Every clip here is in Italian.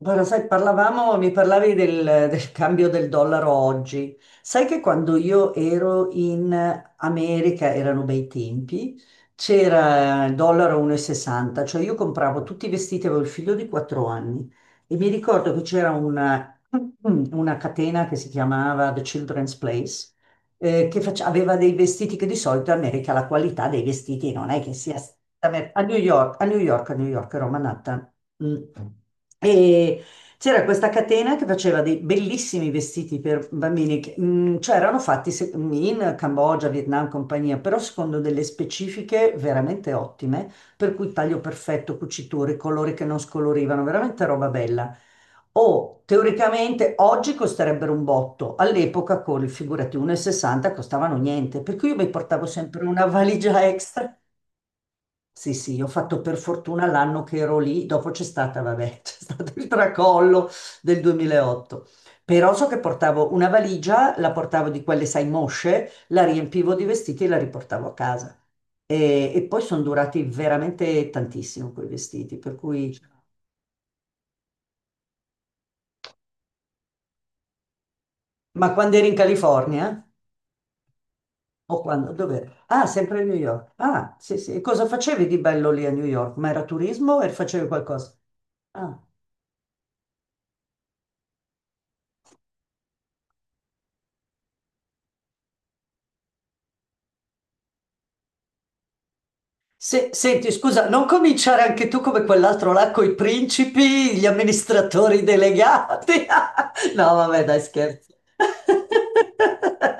Guarda, sai, parlavamo, mi parlavi del cambio del dollaro oggi. Sai che quando io ero in America, erano bei tempi, c'era il dollaro 1,60, cioè io compravo tutti i vestiti, avevo il figlio di 4 anni e mi ricordo che c'era una, una catena che si chiamava The Children's Place aveva dei vestiti che di solito in America la qualità dei vestiti non è che sia esattamente- a New York, a New York, a New York, ero a Manhattan. Mm. E c'era questa catena che faceva dei bellissimi vestiti per bambini, che, cioè erano fatti in Cambogia, Vietnam, compagnia, però secondo delle specifiche veramente ottime, per cui taglio perfetto, cuciture, colori che non scolorivano, veramente roba bella. O teoricamente oggi costerebbero un botto, all'epoca con, figurati, 1,60 costavano niente, per cui io mi portavo sempre una valigia extra. Sì, sì, ho fatto per fortuna l'anno che ero lì, dopo c'è stata, vabbè, c'è stato il tracollo del 2008. Però so che portavo una valigia, la portavo di quelle, sai, mosce, la riempivo di vestiti e la riportavo a casa. E poi sono durati veramente tantissimo quei vestiti, per cui. Ma quando eri in California? O quando, dove? Ah, sempre a New York. Ah, sì, sì. E cosa facevi di bello lì a New York? Ma era turismo o facevi qualcosa? Ah. Senti, scusa, non cominciare anche tu come quell'altro là con i principi, gli amministratori delegati. No, vabbè, dai, scherzo.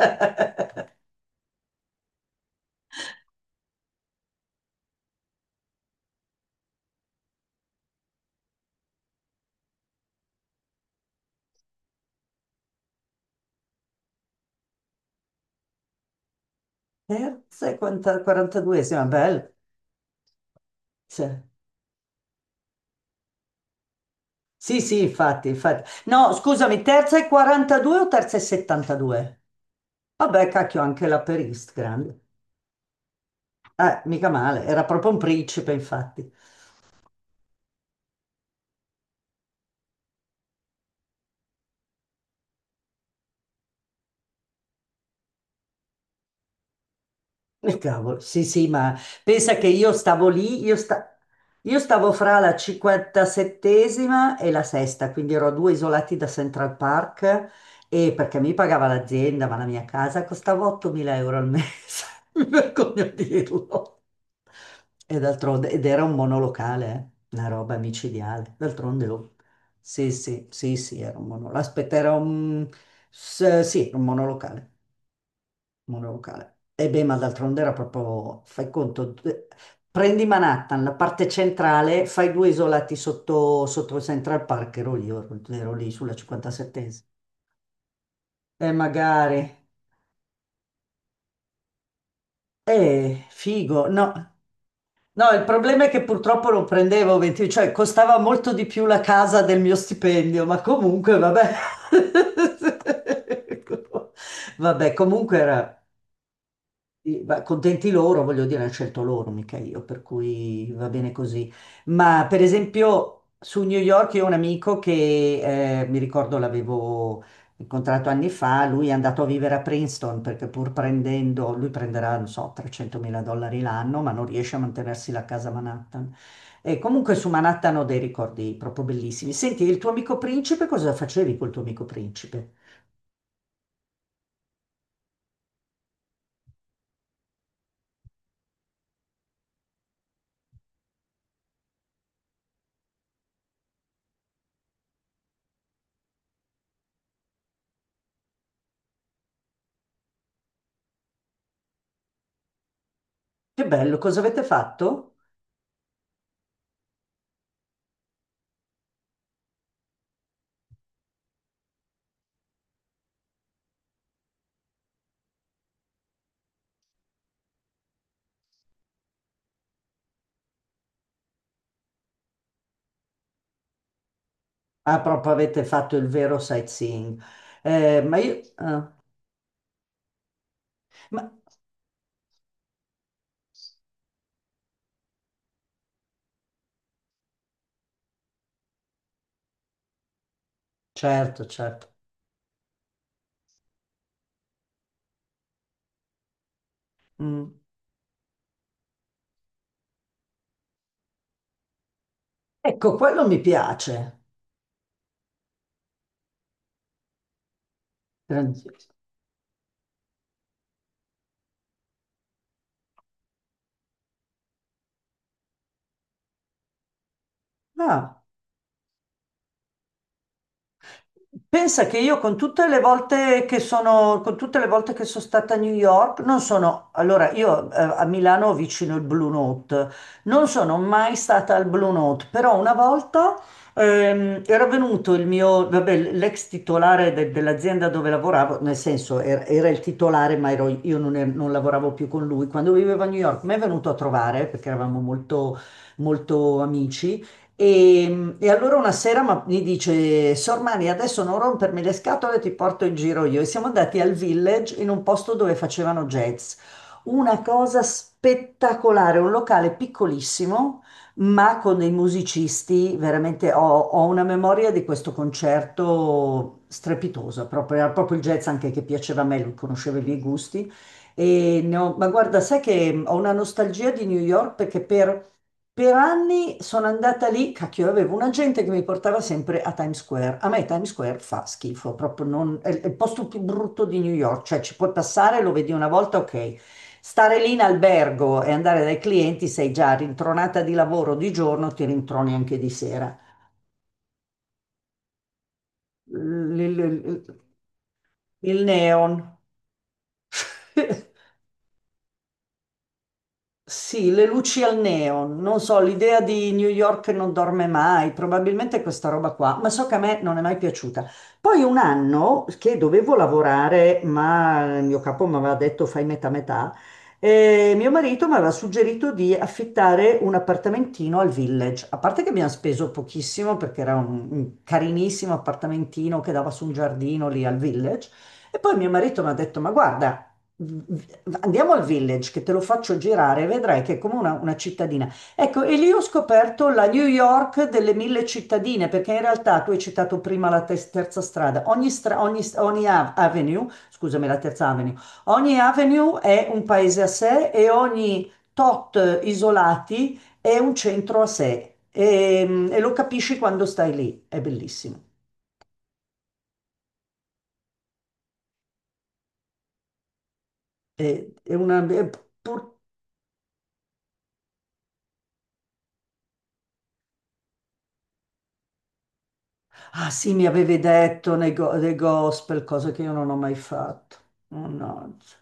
Terza e 42esima, bello. Sì, sì, sì, infatti, infatti. No, scusami, terza e 42 o terza e 72? Vabbè, cacchio, anche la perist, grande. Mica male, era proprio un principe, infatti. E cavolo, sì, sì, ma pensa che io stavo lì, io stavo fra la 57esima e la sesta, quindi ero a due isolati da Central Park e perché mi pagava l'azienda, ma la mia casa costava 8.000 euro al mese, mi vergogno a dirlo. E d'altronde, ed era un monolocale, una roba micidiale. D'altronde, oh. Sì, sì, sì, sì, era un monolocale. Aspetta, sì, era un monolocale. Mondo locale. E beh, ma d'altronde era proprio, fai conto, prendi Manhattan, la parte centrale, fai due isolati sotto, sotto Central Park, ero lì, ero lì sulla 57esima. E magari, figo, no. No, il problema è che purtroppo non prendevo 20, cioè costava molto di più la casa del mio stipendio, ma comunque, vabbè. Vabbè, comunque era. Sì, contenti loro, voglio dire, hanno scelto loro, mica io, per cui va bene così. Ma per esempio su New York io ho un amico che mi ricordo l'avevo incontrato anni fa, lui è andato a vivere a Princeton perché pur prendendo, lui prenderà, non so, 300.000 dollari l'anno, ma non riesce a mantenersi la casa a Manhattan. E comunque su Manhattan ho dei ricordi proprio bellissimi. Senti, il tuo amico principe, cosa facevi col tuo amico principe? Che bello, cosa avete fatto? Ah, proprio avete fatto il vero sightseeing. Ma io... ah, ma- certo, certo. Mm. Ecco, quello mi piace. Grandioso. Ah. Pensa che io con tutte le volte che sono, con tutte le volte che sono stata a New York, non sono, allora io a Milano ho vicino il Blue Note, non sono mai stata al Blue Note, però una volta era venuto il mio, vabbè, l'ex titolare dell'azienda dove lavoravo, nel senso era il titolare, ma io non, non lavoravo più con lui, quando vivevo a New York, mi è venuto a trovare perché eravamo molto molto amici. E allora una sera mi dice, Sor Mani, adesso non rompermi le scatole, ti porto in giro io. E siamo andati al village in un posto dove facevano jazz. Una cosa spettacolare, un locale piccolissimo, ma con dei musicisti, veramente ho una memoria di questo concerto strepitosa, proprio, era proprio il jazz anche che piaceva a me, lui conosceva i miei gusti. Ma guarda, sai che ho una nostalgia di New York perché per anni sono andata lì, cacchio, avevo un agente che mi portava sempre a Times Square. A me Times Square fa schifo, proprio non, è il posto più brutto di New York, cioè ci puoi passare, lo vedi una volta, ok. Stare lì in albergo e andare dai clienti, sei già rintronata di lavoro di giorno, ti rintroni anche di sera. L- l- l- il neon. Sì, le luci al neon, non so, l'idea di New York non dorme mai, probabilmente questa roba qua, ma so che a me non è mai piaciuta. Poi un anno che dovevo lavorare, ma il mio capo mi aveva detto fai metà metà, e mio marito mi aveva suggerito di affittare un appartamentino al Village, a parte che abbiamo speso pochissimo perché era un carinissimo appartamentino che dava su un giardino lì al Village, e poi mio marito mi ha detto ma guarda, andiamo al village che te lo faccio girare, vedrai che è come una cittadina. Ecco, e lì ho scoperto la New York delle mille cittadine, perché in realtà tu hai citato prima la terza strada. Ogni avenue, scusami, la terza avenue, ogni avenue è un paese a sé e ogni tot isolati è un centro a sé. E lo capisci quando stai lì, è bellissimo. È, è una, è- pur- Ah sì, mi avevi detto nei dei gospel, cose che io non ho mai fatto. Mannaggia.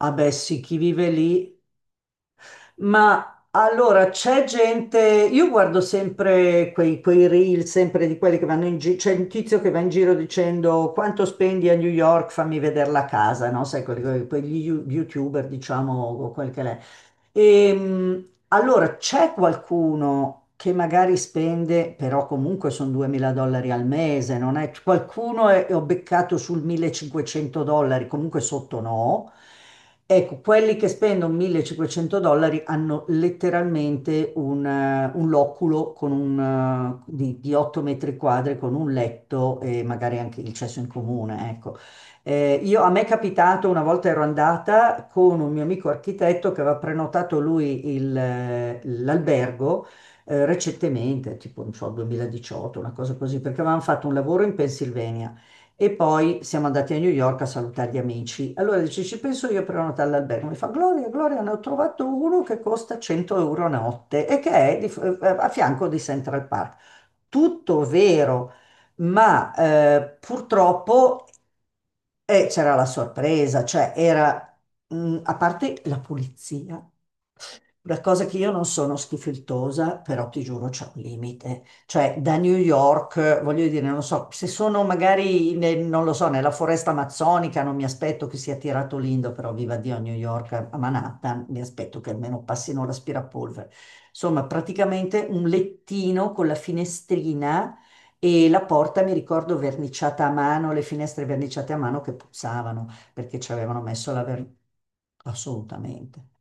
Ah beh sì, chi vive lì. Ma allora c'è gente, io guardo sempre quei reel, sempre di quelli che vanno in giro, c'è un tizio che va in giro dicendo quanto spendi a New York, fammi vedere la casa, no? Sai, quegli youtuber, diciamo, o quel che è. Allora, c'è qualcuno che magari spende, però comunque sono 2000 dollari al mese, non è? Qualcuno è, ho beccato sul 1500 dollari, comunque sotto no. Ecco, quelli che spendono 1500 dollari hanno letteralmente un loculo con di 8 metri quadri con un letto e magari anche il cesso in comune, ecco. A me è capitato, una volta ero andata con un mio amico architetto che aveva prenotato lui l'albergo recentemente, tipo non so, 2018, una cosa così, perché avevamo fatto un lavoro in Pennsylvania e poi siamo andati a New York a salutare gli amici. Allora dice, ci penso io a prenotare l'albergo. Mi fa, Gloria, Gloria, ne ho trovato uno che costa 100 euro a notte e che è a fianco di Central Park. Tutto vero, ma purtroppo c'era la sorpresa, cioè era, a parte la pulizia, una cosa che io non sono schifiltosa, però ti giuro c'è un limite, cioè da New York, voglio dire, non so, se sono magari, non lo so, nella foresta amazzonica non mi aspetto che sia tirato l'indo, però viva Dio a New York, a a Manhattan, mi aspetto che almeno passino l'aspirapolvere. Insomma, praticamente un lettino con la finestrina e la porta mi ricordo verniciata a mano, le finestre verniciate a mano che puzzavano perché ci avevano messo la vernice. Assolutamente.